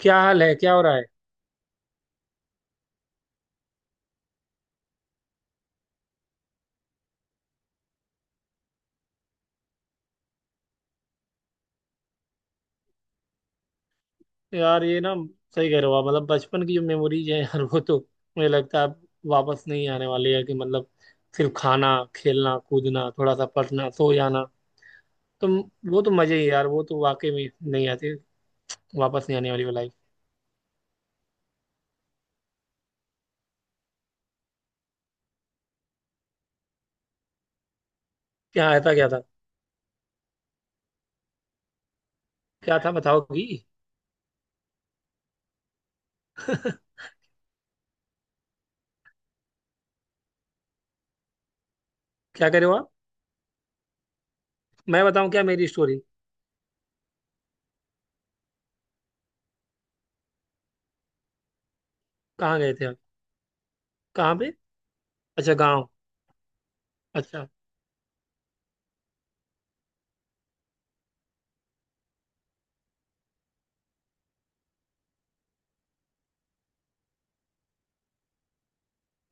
क्या हाल है? क्या हो रहा है? यार ये ना, सही कह रहे हो आप। मतलब बचपन की जो मेमोरीज है यार वो तो मुझे लगता है अब वापस नहीं आने वाली है, कि मतलब सिर्फ खाना, खेलना कूदना, थोड़ा सा पढ़ना, सो जाना, तो वो तो मजे ही यार, वो तो वाकई में नहीं आती, वापस नहीं आने वाली वो लाइफ। क्या? ऐसा क्या था? क्या था, बताओगी? क्या करे हो आप? मैं बताऊं क्या मेरी स्टोरी? कहाँ गए थे आप? कहाँ पे? अच्छा, गाँव। अच्छा।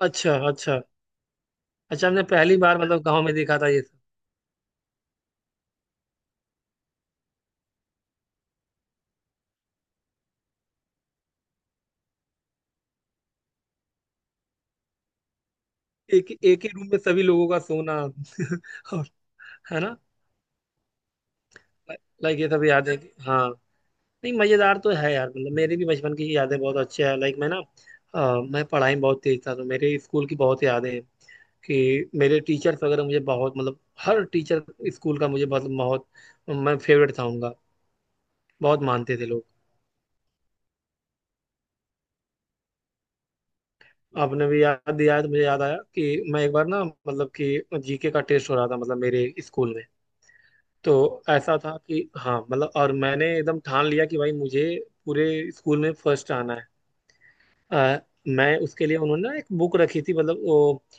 अच्छा। अच्छा। अच्छा, हमने पहली बार मतलब गाँव में देखा था ये सब। एक एक ही रूम में सभी लोगों का सोना और, है ना? लाइक ये सब यादें। हाँ। नहीं, मजेदार तो है यार, मतलब मेरी भी बचपन की यादें बहुत अच्छी है, लाइक मैं ना, मैं पढ़ाई में बहुत तेज था, तो मेरे स्कूल की बहुत यादें हैं। कि मेरे टीचर्स वगैरह मुझे बहुत मतलब, हर टीचर स्कूल का मुझे बहुत बहुत, मैं फेवरेट था उनका, बहुत मानते थे लोग। आपने भी याद दिया है तो मुझे याद आया कि मैं एक बार ना, मतलब कि जीके का टेस्ट हो रहा था मतलब मेरे स्कूल में। तो ऐसा था कि हाँ मतलब, और मैंने एकदम ठान लिया कि भाई मुझे पूरे स्कूल में फर्स्ट आना है। मैं उसके लिए, उन्होंने ना एक बुक रखी थी मतलब वो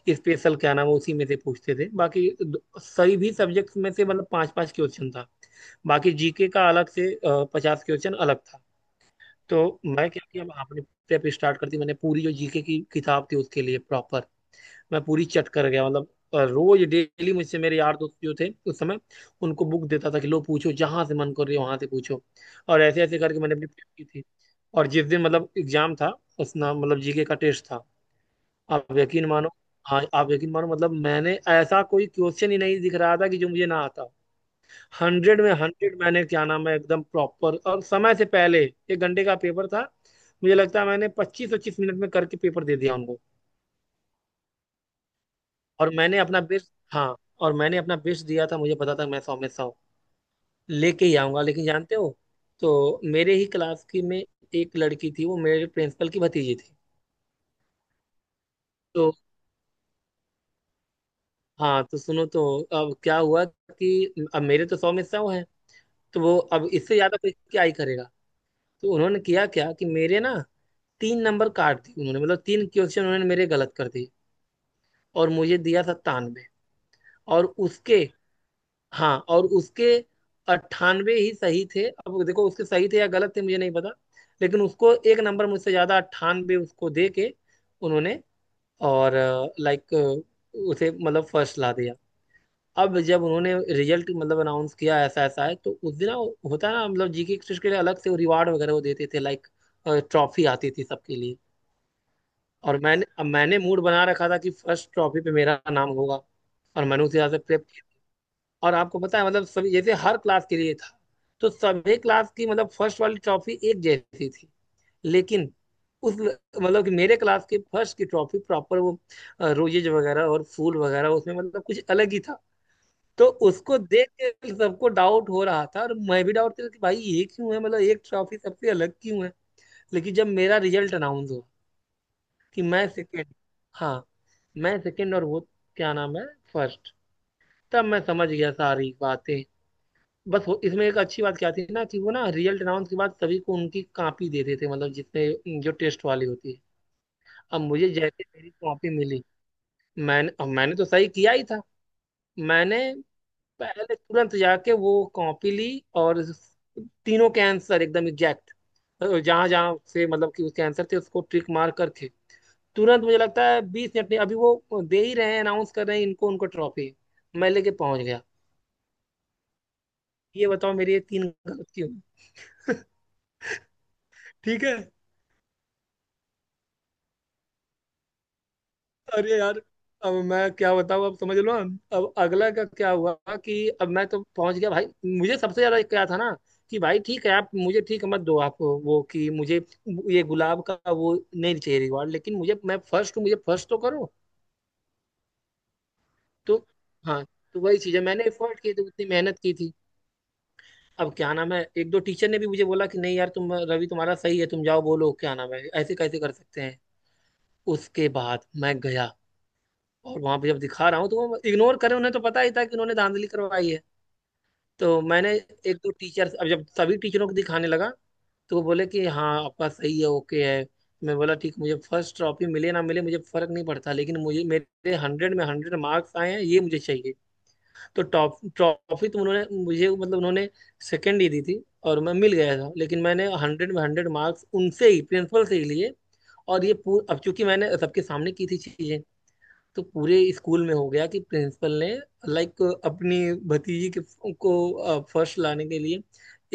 स्पेशल क्या नाम है, उसी में से पूछते थे। बाकी सही भी सब्जेक्ट्स में से मतलब पांच पांच क्वेश्चन था। बाकी जीके का अलग से 50 क्वेश्चन अलग था। तो मैं क्या किया, अपने प्रेप स्टार्ट कर दी मैंने। पूरी जो जीके की किताब थी उसके लिए प्रॉपर, मैं पूरी चट कर गया मतलब। रोज डेली मुझसे मेरे यार दोस्त जो थे उस समय, उनको बुक देता था कि लो पूछो, जहां से मन कर रही है वहां से पूछो। और ऐसे ऐसे करके मैंने अपनी prep की थी। और जिस दिन मतलब एग्जाम था, उस ना मतलब जीके का टेस्ट था। आप यकीन मानो, हाँ आप यकीन मानो मतलब, मैंने ऐसा कोई क्वेश्चन ही नहीं दिख रहा था कि जो मुझे ना आता हो। 100 में 100 मैंने क्या नाम है एकदम प्रॉपर और समय से पहले। एक घंटे का पेपर था, मुझे लगता है मैंने 25 25 मिनट में करके पेपर दे दिया उनको। और मैंने अपना बेस्ट, हाँ, और मैंने अपना बेस्ट दिया था, मुझे पता था मैं 100 में 100 लेके ही आऊंगा, लेकिन जानते हो, तो मेरे ही क्लास की में एक लड़की थी, वो मेरे प्रिंसिपल की भतीजी थी। तो हाँ तो सुनो तो, अब क्या हुआ कि अब मेरे तो 100 में 100 है। तो वो अब इससे ज्यादा कोई क्या ही करेगा। तो उन्होंने किया क्या कि मेरे ना तीन नंबर काट दिए उन्होंने, मतलब तीन क्वेश्चन उन्होंने मेरे गलत कर दिए और मुझे दिया 97। और उसके, हाँ और उसके 98 ही सही थे, अब देखो उसके सही थे या गलत थे मुझे नहीं पता। लेकिन उसको एक नंबर मुझसे ज्यादा, 98 उसको दे के उन्होंने, और लाइक उसे मतलब फर्स्ट ला दिया। अब जब उन्होंने रिजल्ट मतलब अनाउंस किया ऐसा ऐसा है, तो उस दिन ना वो होता ना, मतलब जीके एक्सरसाइज के लिए अलग से वो रिवार्ड वगैरह वो देते थे, लाइक ट्रॉफी आती थी सबके लिए। और मैंने मूड बना रखा था कि फर्स्ट ट्रॉफी पे मेरा नाम होगा। और मैंने उस हिसाब से प्रेप। और आपको पता है मतलब सभी, जैसे हर क्लास के लिए था, तो सभी क्लास की मतलब फर्स्ट वाली ट्रॉफी एक जैसी थी। लेकिन उस, मतलब कि मेरे क्लास के फर्स्ट की ट्रॉफी प्रॉपर वो रोजेज वगैरह और फूल वगैरह उसमें, मतलब कुछ अलग ही था। तो उसको देख के सबको डाउट हो रहा था और मैं भी डाउट कर रहा था कि भाई ये क्यों है, मतलब एक ट्रॉफी सबसे अलग क्यों है? लेकिन जब मेरा रिजल्ट अनाउंस हुआ कि मैं सेकेंड, हाँ, मैं सेकेंड और वो क्या नाम है फर्स्ट, तब मैं समझ गया सारी बातें। बस वो इसमें एक अच्छी बात क्या थी ना कि वो ना रियल अनाउंस के बाद सभी को उनकी कॉपी दे देते थे, मतलब जितने जो टेस्ट वाली होती है। अब मुझे जैसे मेरी कॉपी मिली, मैंने तो सही किया ही था, मैंने पहले तुरंत जाके वो कॉपी ली। और तीनों के आंसर एकदम एग्जैक्ट, जहां जहां से मतलब कि उसके आंसर थे उसको ट्रिक मार करके, तुरंत मुझे लगता है 20 मिनट में, अभी वो दे ही रहे हैं अनाउंस कर रहे हैं इनको उनको ट्रॉफी, मैं लेके पहुंच गया। ये बताओ मेरी ये तीन गलत क्यों? ठीक है। अरे यार, अब मैं क्या बताऊँ, अब समझ लो। अब अगला का क्या हुआ कि अब मैं तो पहुंच गया भाई। मुझे सबसे ज्यादा क्या था ना कि भाई ठीक है, आप मुझे ठीक मत दो, आप वो कि मुझे ये गुलाब का वो नहीं चाहिए रिवॉर्ड, लेकिन मुझे, मैं फर्स्ट हूँ मुझे फर्स्ट तो करो। तो हाँ, तो वही चीज़ है मैंने एफर्ट किए थे उतनी मेहनत की थी। अब क्या नाम है, एक दो टीचर ने भी मुझे बोला कि नहीं यार तुम, रवि तुम्हारा सही है, तुम जाओ बोलो क्या नाम है ऐसे कैसे कर सकते हैं। उसके बाद मैं गया, और वहां पे जब दिखा रहा हूँ तो वो इग्नोर करें, उन्हें तो पता ही था कि उन्होंने धांधली करवाई है। तो मैंने, एक दो टीचर, अब जब सभी टीचरों को दिखाने लगा तो वो बोले कि हाँ आपका सही है, ओके है। मैं बोला ठीक, मुझे फर्स्ट ट्रॉफी मिले ना मिले मुझे फर्क नहीं पड़ता, लेकिन मुझे, मेरे 100 में 100 मार्क्स आए हैं ये मुझे चाहिए। तो टॉप ट्रॉफी तो उन्होंने मुझे मतलब उन्होंने सेकेंड ही दी थी और मैं मिल गया था, लेकिन मैंने 100 में 100 मार्क्स उनसे ही, प्रिंसिपल से ही लिए। और ये पूर अब चूंकि मैंने सबके सामने की थी चीजें, तो पूरे स्कूल में हो गया कि प्रिंसिपल ने लाइक अपनी भतीजी के को फर्स्ट लाने के लिए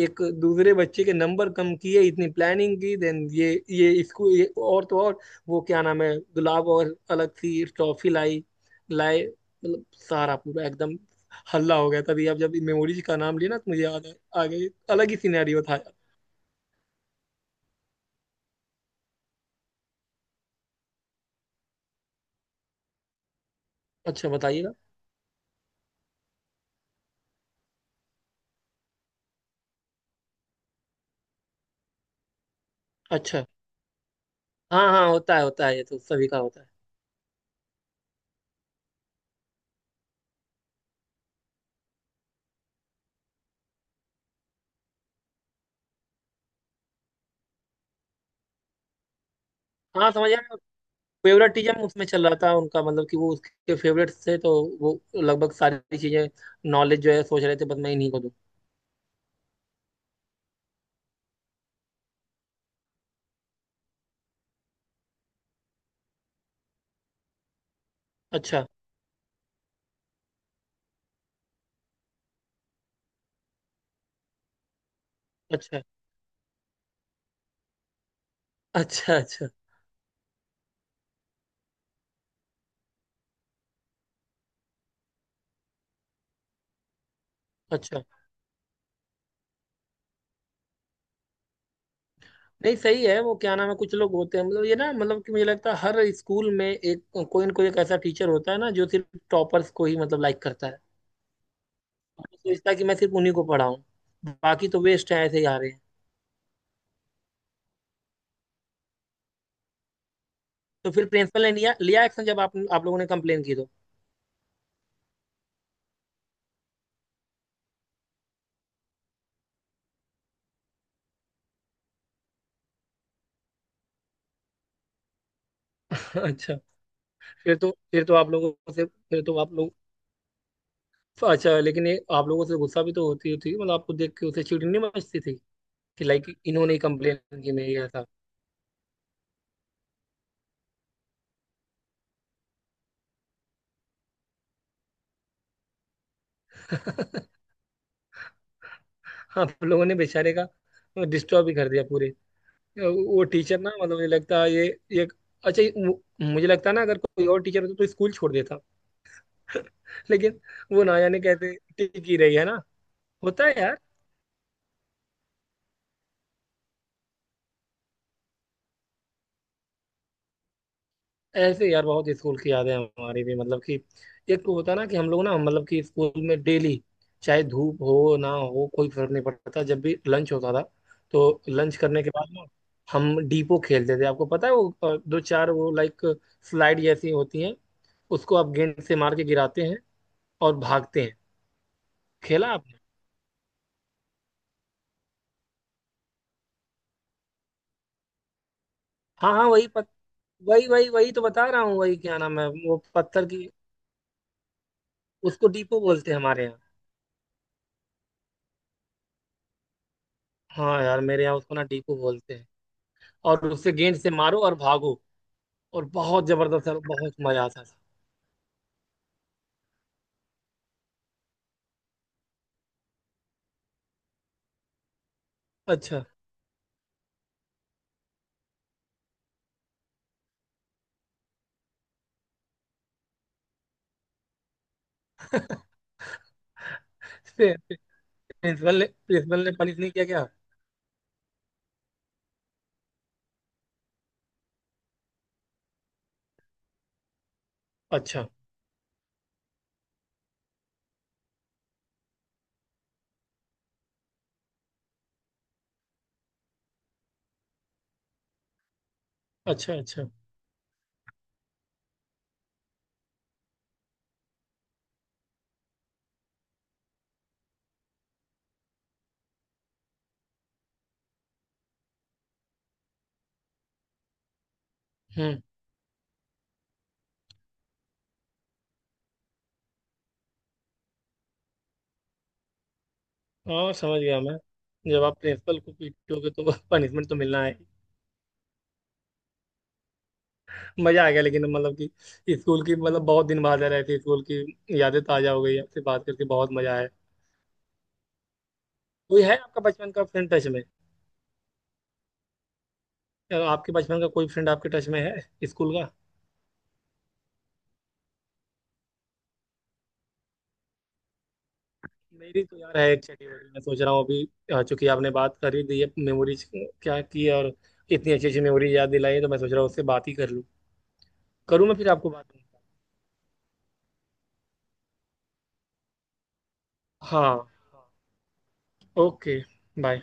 एक दूसरे बच्चे के नंबर कम किए, इतनी प्लानिंग की देन ये स्कूल, ये और तो और, वो क्या नाम है गुलाब और अलग सी ट्रॉफी लाई लाए मतलब सारा पूरा एकदम हल्ला हो गया। तभी अब जब मेमोरीज का नाम लिया ना, तो मुझे याद आ आ गई। अलग ही सिनेरियो था यार। अच्छा, बताइएगा। अच्छा। हाँ हाँ, होता है होता है, ये तो सभी का होता है। हाँ समझ आया, फेवरेटिज्म उसमें चल रहा था उनका, मतलब कि वो उसके फेवरेट्स थे, तो वो लगभग सारी चीजें नॉलेज जो है सोच रहे थे बस मैं इन्हीं को दूं। अच्छा। अच्छा। अच्छा। अच्छा। अच्छा, नहीं सही है, वो क्या नाम है, कुछ लोग होते हैं मतलब, ये ना मतलब कि मुझे लगता है हर स्कूल में एक, कोई ना कोई एक ऐसा टीचर होता है ना जो सिर्फ टॉपर्स को ही मतलब लाइक करता है। वो सोचता है कि मैं सिर्फ उन्हीं को पढ़ाऊँ, बाकी तो वेस्ट है ऐसे ही आ रहे हैं। तो फिर प्रिंसिपल ने लिया लिया एक्शन जब आप लोगों ने कंप्लेन की तो? अच्छा। फिर तो आप लोगों से, फिर तो आप लोगों, तो अच्छा। लेकिन ये आप लोगों से तो गुस्सा भी तो होती होती थी, मतलब आपको देख के उसे चिढ़ नहीं मचती थी? कि लाइक इन्होंने ही कंप्लेन की मेरी, ऐसा। आप लोगों ने बेचारे का डिस्टर्ब भी कर दिया पूरे। वो टीचर ना, मतलब मुझे लगता है ये अच्छा, ये मुझे लगता है ना अगर कोई और टीचर होता तो स्कूल छोड़ देता। लेकिन वो ना जाने कहते टिकी रही है ना, होता है। ऐसे यार, बहुत स्कूल की यादें हैं हमारी भी, मतलब कि एक तो होता ना कि हम लोग ना मतलब कि स्कूल में डेली, चाहे धूप हो ना हो कोई फर्क नहीं पड़ता, जब भी लंच होता था तो लंच करने के बाद ना, हम डीपो खेलते थे। आपको पता है वो दो चार वो लाइक स्लाइड जैसी होती हैं, उसको आप गेंद से मार के गिराते हैं और भागते हैं। खेला आपने? हाँ हाँ, वही वही वही तो बता रहा हूँ वही क्या नाम है वो पत्थर की। उसको डीपो बोलते हैं हमारे यहाँ। हाँ यार, मेरे यहाँ उसको ना डीपो बोलते हैं, और उसे गेंद से मारो और भागो, और बहुत जबरदस्त, और बहुत मजा आता था। अच्छा। प्रिंसिपल ने पनिश नहीं किया क्या? अच्छा। अच्छा। अच्छा। हम्म। और समझ गया मैं, जब आप प्रिंसिपल को पीटोगे तो पनिशमेंट तो मिलना है। मजा आ गया, लेकिन मतलब कि स्कूल की मतलब बहुत दिन बाद है, ऐसी स्कूल की यादें ताजा हो गई आपसे बात करके, बहुत मजा आया। कोई है आपका बचपन का फ्रेंड टच में? या आपके बचपन का कोई फ्रेंड आपके टच में है स्कूल का? मेरी तो यार है एक चटी बटी, मैं सोच रहा हूँ अभी, चूंकि आपने बात कर ही दी है मेमोरीज क्या की है, और इतनी अच्छी अच्छी मेमोरी याद दिलाई है, तो मैं सोच रहा हूँ उससे बात ही कर लूँ। करूँ मैं फिर? आपको बात, हाँ, ओके। बाय।